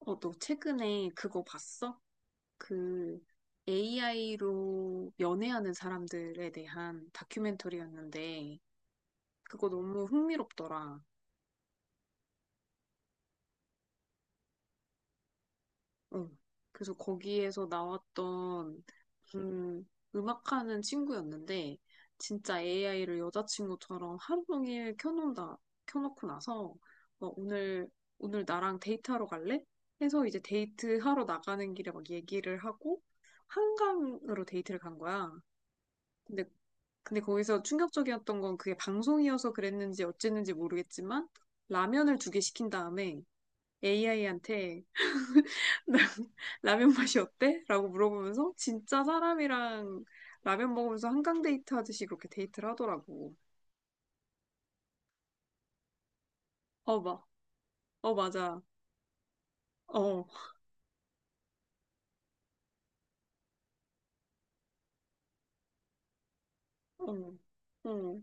어, 너 최근에 그거 봤어? 그 AI로 연애하는 사람들에 대한 다큐멘터리였는데, 그거 너무 흥미롭더라. 응. 그래서 거기에서 나왔던, 음, 음악하는 친구였는데, 진짜 AI를 여자친구처럼 하루 종일 켜놓는다, 켜놓고 나서, 오늘, 오늘 나랑 데이트하러 갈래? 해서 이제 데이트하러 나가는 길에 막 얘기를 하고, 한강으로 데이트를 간 거야. 근데, 근데 거기서 충격적이었던 건 그게 방송이어서 그랬는지 어쨌는지 모르겠지만 라면을 두 개 시킨 다음에 AI한테 라면 맛이 어때? 라고 물어보면서 진짜 사람이랑 라면 먹으면서 한강 데이트 하듯이 그렇게 데이트를 하더라고. 어, 봐. 어, 맞아. 어, 어, 어,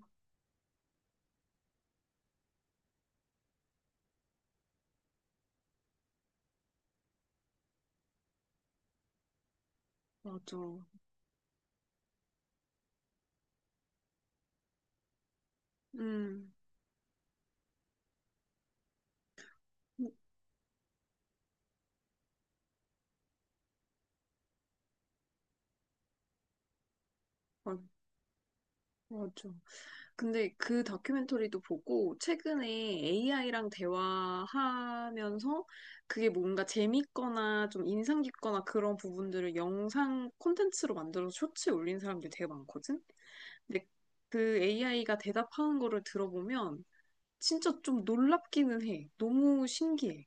맞아. 음, 어, 맞아. 근데 그 다큐멘터리도 보고 최근에 AI랑 대화하면서 그게 뭔가 재밌거나 좀 인상 깊거나 그런 부분들을 영상 콘텐츠로 만들어서 쇼츠에 올린 사람들이 되게 많거든? 근데 그 AI가 대답하는 거를 들어보면 진짜 좀 놀랍기는 해. 너무 신기해.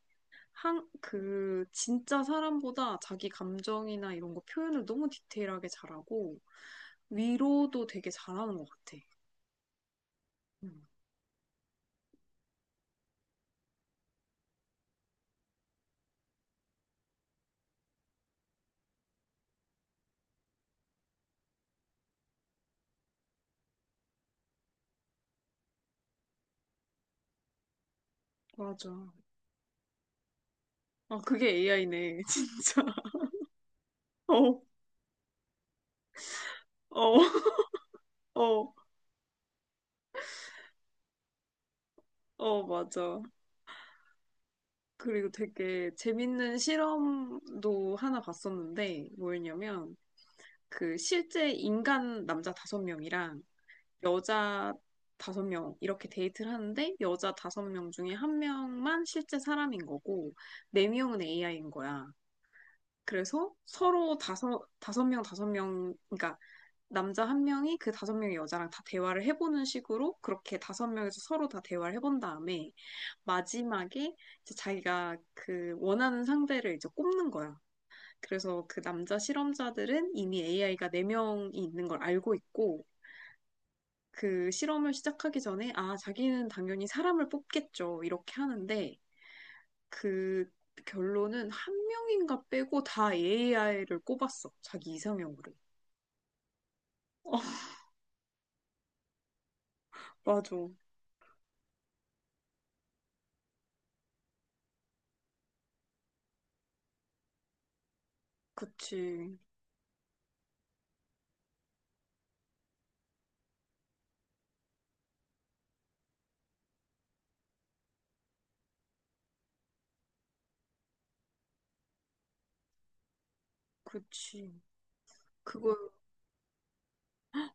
한, 그, 진짜 사람보다 자기 감정이나 이런 거 표현을 너무 디테일하게 잘하고 위로도 되게 잘하는 것 같아. 음, 맞아. 아, 그게 AI네, 진짜. 어, 어, 어, 어, 맞아. 그리고 되게 재밌는 실험도 하나 봤었는데, 뭐였냐면, 그 실제 인간 남자 다섯 명이랑 여자 다섯 명 이렇게 데이트를 하는데, 여자 다섯 명 중에 한 명만 실제 사람인 거고, 네 명은 AI인 거야. 그래서 서로 다섯 명, 다섯 명, 그러니까 남자 한 명이 그 다섯 명의 여자랑 다 대화를 해보는 식으로 그렇게 다섯 명에서 서로 다 대화를 해본 다음에 마지막에 이제 자기가 그 원하는 상대를 이제 꼽는 거야. 그래서 그 남자 실험자들은 이미 AI가 네명이 있는 걸 알고 있고 그 실험을 시작하기 전에 아, 자기는 당연히 사람을 뽑겠죠. 이렇게 하는데 그 결론은 한 명인가 빼고 다 AI를 꼽았어. 자기 이상형으로. 어, 맞아. 그치, 그치. 그거,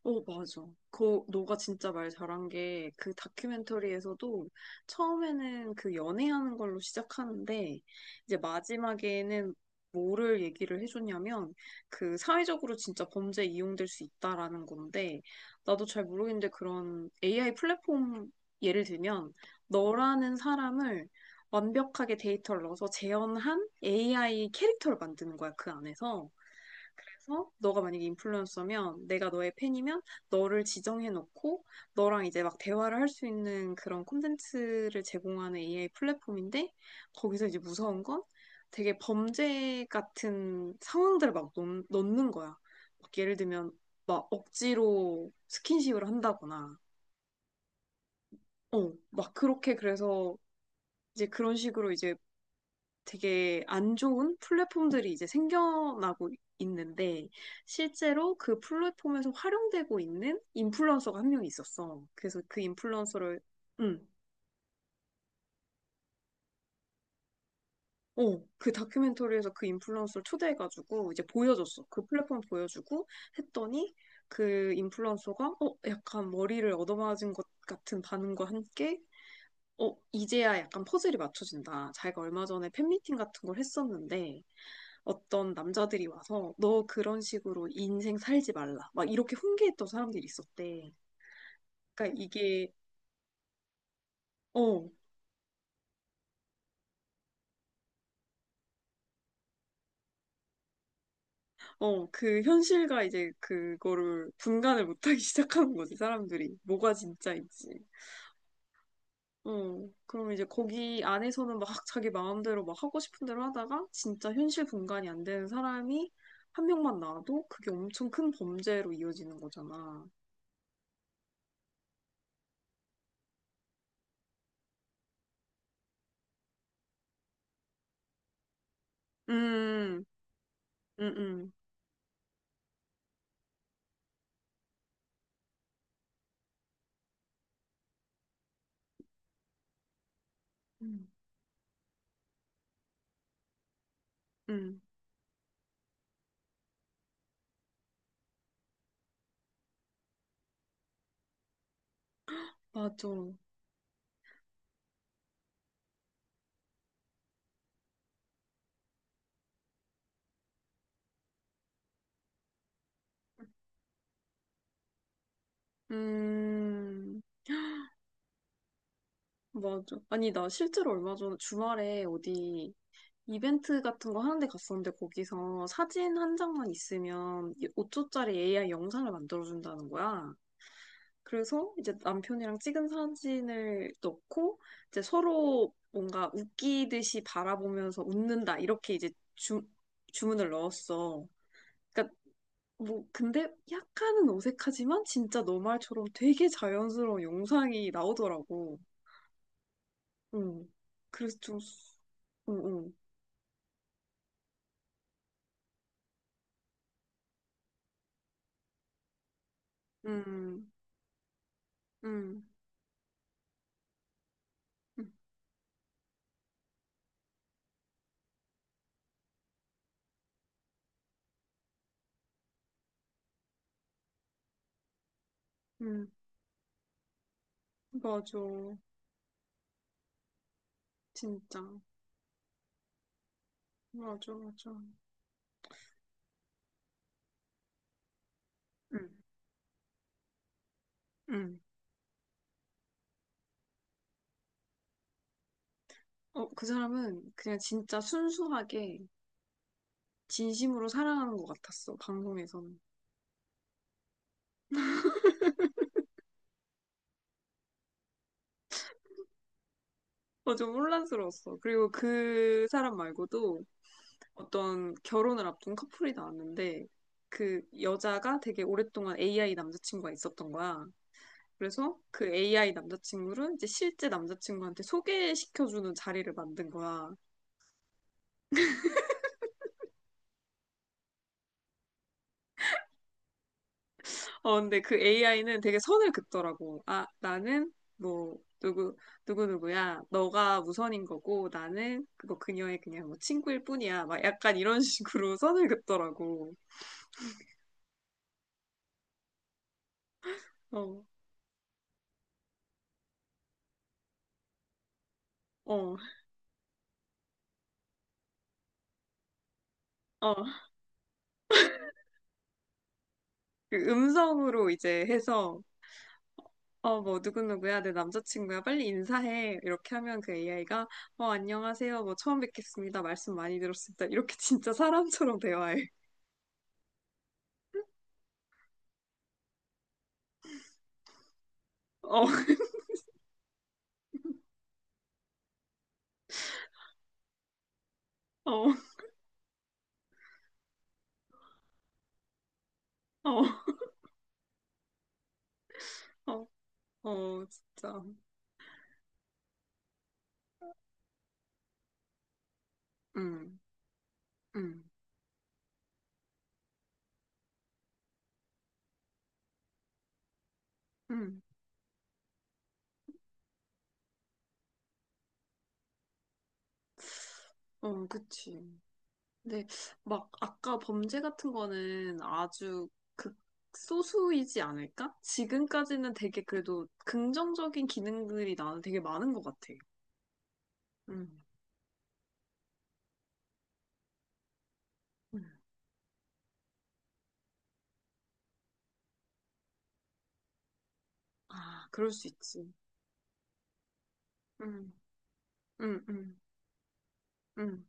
어, 맞아. 그, 너가 진짜 말 잘한 게, 그 다큐멘터리에서도 처음에는 그 연애하는 걸로 시작하는데, 이제 마지막에는 뭐를 얘기를 해줬냐면, 그 사회적으로 진짜 범죄에 이용될 수 있다라는 건데, 나도 잘 모르겠는데 그런 AI 플랫폼 예를 들면, 너라는 사람을 완벽하게 데이터를 넣어서 재현한 AI 캐릭터를 만드는 거야, 그 안에서. 그래서 너가 만약에 인플루언서면 내가 너의 팬이면 너를 지정해놓고 너랑 이제 막 대화를 할 수 있는 그런 콘텐츠를 제공하는 AI 플랫폼인데 거기서 이제 무서운 건 되게 범죄 같은 상황들을 막 넣는 거야. 막 예를 들면 막 억지로 스킨십을 한다거나 어, 막 그렇게 그래서 이제 그런 식으로 이제 되게 안 좋은 플랫폼들이 이제 생겨나고 있는데 실제로 그 플랫폼에서 활용되고 있는 인플루언서가 한 명 있었어. 그래서 그 인플루언서를 응. 어, 그 다큐멘터리에서 그 인플루언서를 초대해가지고 이제 보여줬어. 그 플랫폼 보여주고 했더니 그 인플루언서가 어, 약간 머리를 얻어맞은 것 같은 반응과 함께 어, 이제야 약간 퍼즐이 맞춰진다. 자기가 얼마 전에 팬미팅 같은 걸 했었는데 어떤 남자들이 와서 너 그런 식으로 인생 살지 말라. 막 이렇게 훈계했던 사람들이 있었대. 그러니까 이게 어, 어, 그 현실과 이제 그거를 분간을 못하기 시작하는 거지, 사람들이. 뭐가 진짜인지. 어, 그럼 이제 거기 안에서는 막 자기 마음대로 막 하고 싶은 대로 하다가 진짜 현실 분간이 안 되는 사람이 한 명만 나와도 그게 엄청 큰 범죄로 이어지는 거잖아. 음, 음, 음, 음, 음, 맞아. 음, 맞아. 아니, 나 실제로 얼마 전에 주말에 어디 이벤트 같은 거 하는데 갔었는데 거기서 사진 한 장만 있으면 5초짜리 AI 영상을 만들어준다는 거야. 그래서 이제 남편이랑 찍은 사진을 넣고 이제 서로 뭔가 웃기듯이 바라보면서 웃는다. 이렇게 이제 주문을 넣었어. 그러니까 뭐, 근데 약간은 어색하지만 진짜 너 말처럼 되게 자연스러운 영상이 나오더라고. 응. 그래서 좀, 응, 응. 응, 응, 응, 응. 맞아. 진짜. 맞아, 맞아. 응, 응. 어, 그 사람은 그냥 진짜 순수하게 진심으로 사랑하는 것 같았어, 방송에서는. 어, 좀 혼란스러웠어. 그리고 그 사람 말고도 어떤 결혼을 앞둔 커플이 나왔는데 그 여자가 되게 오랫동안 AI 남자친구가 있었던 거야. 그래서 그 AI 남자친구를 이제 실제 남자친구한테 소개시켜주는 자리를 만든 거야. 어, 근데 그 AI는 되게 선을 긋더라고. 누구누구야. 너가 우선인 거고, 나는 그거 그녀의 그냥 뭐 친구일 뿐이야. 막 약간 이런 식으로 선을 긋더라고. 어, 어, 어. 그 음성으로 이제 해서 어, 뭐, 누구누구야, 내 남자친구야, 빨리 인사해. 이렇게 하면 그 AI가, 어, 안녕하세요, 뭐, 처음 뵙겠습니다. 말씀 많이 들었습니다. 이렇게 진짜 사람처럼 대화해. 어, 어, 어, 어, 어, 진짜. 응. 응. 응. 어, 그치. 근데 막, 아까 범죄 같은 거는 아주 극소수이지 않을까? 지금까지는 되게 그래도 긍정적인 기능들이 나는 되게 많은 것 같아. 응. 응. 아, 그럴 수 있지. 응. 응, 응, 응,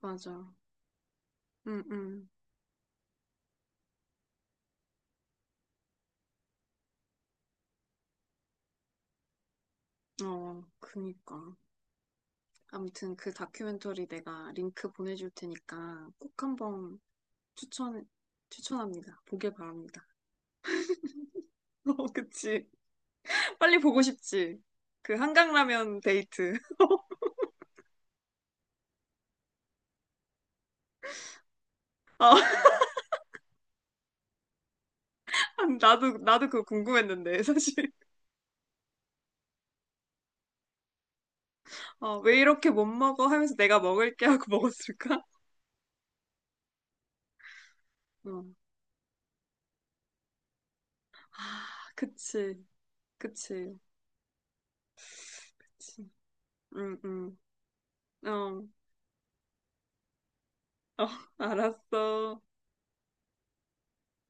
맞아. 응, 응. 어, 그니까. 아무튼 그 다큐멘터리 내가 링크 보내줄 테니까 꼭 한번 추천, 추천합니다. 보길 바랍니다. 어, 그치. 빨리 보고 싶지. 그 한강라면 데이트. 어, 나도 그거 궁금했는데, 사실. 어, 왜 이렇게 못 먹어 하면서 내가 먹을게 하고 먹었을까? 어. 아, 그치. 그치. 그치. 응, 응. 어, 어, 알았어.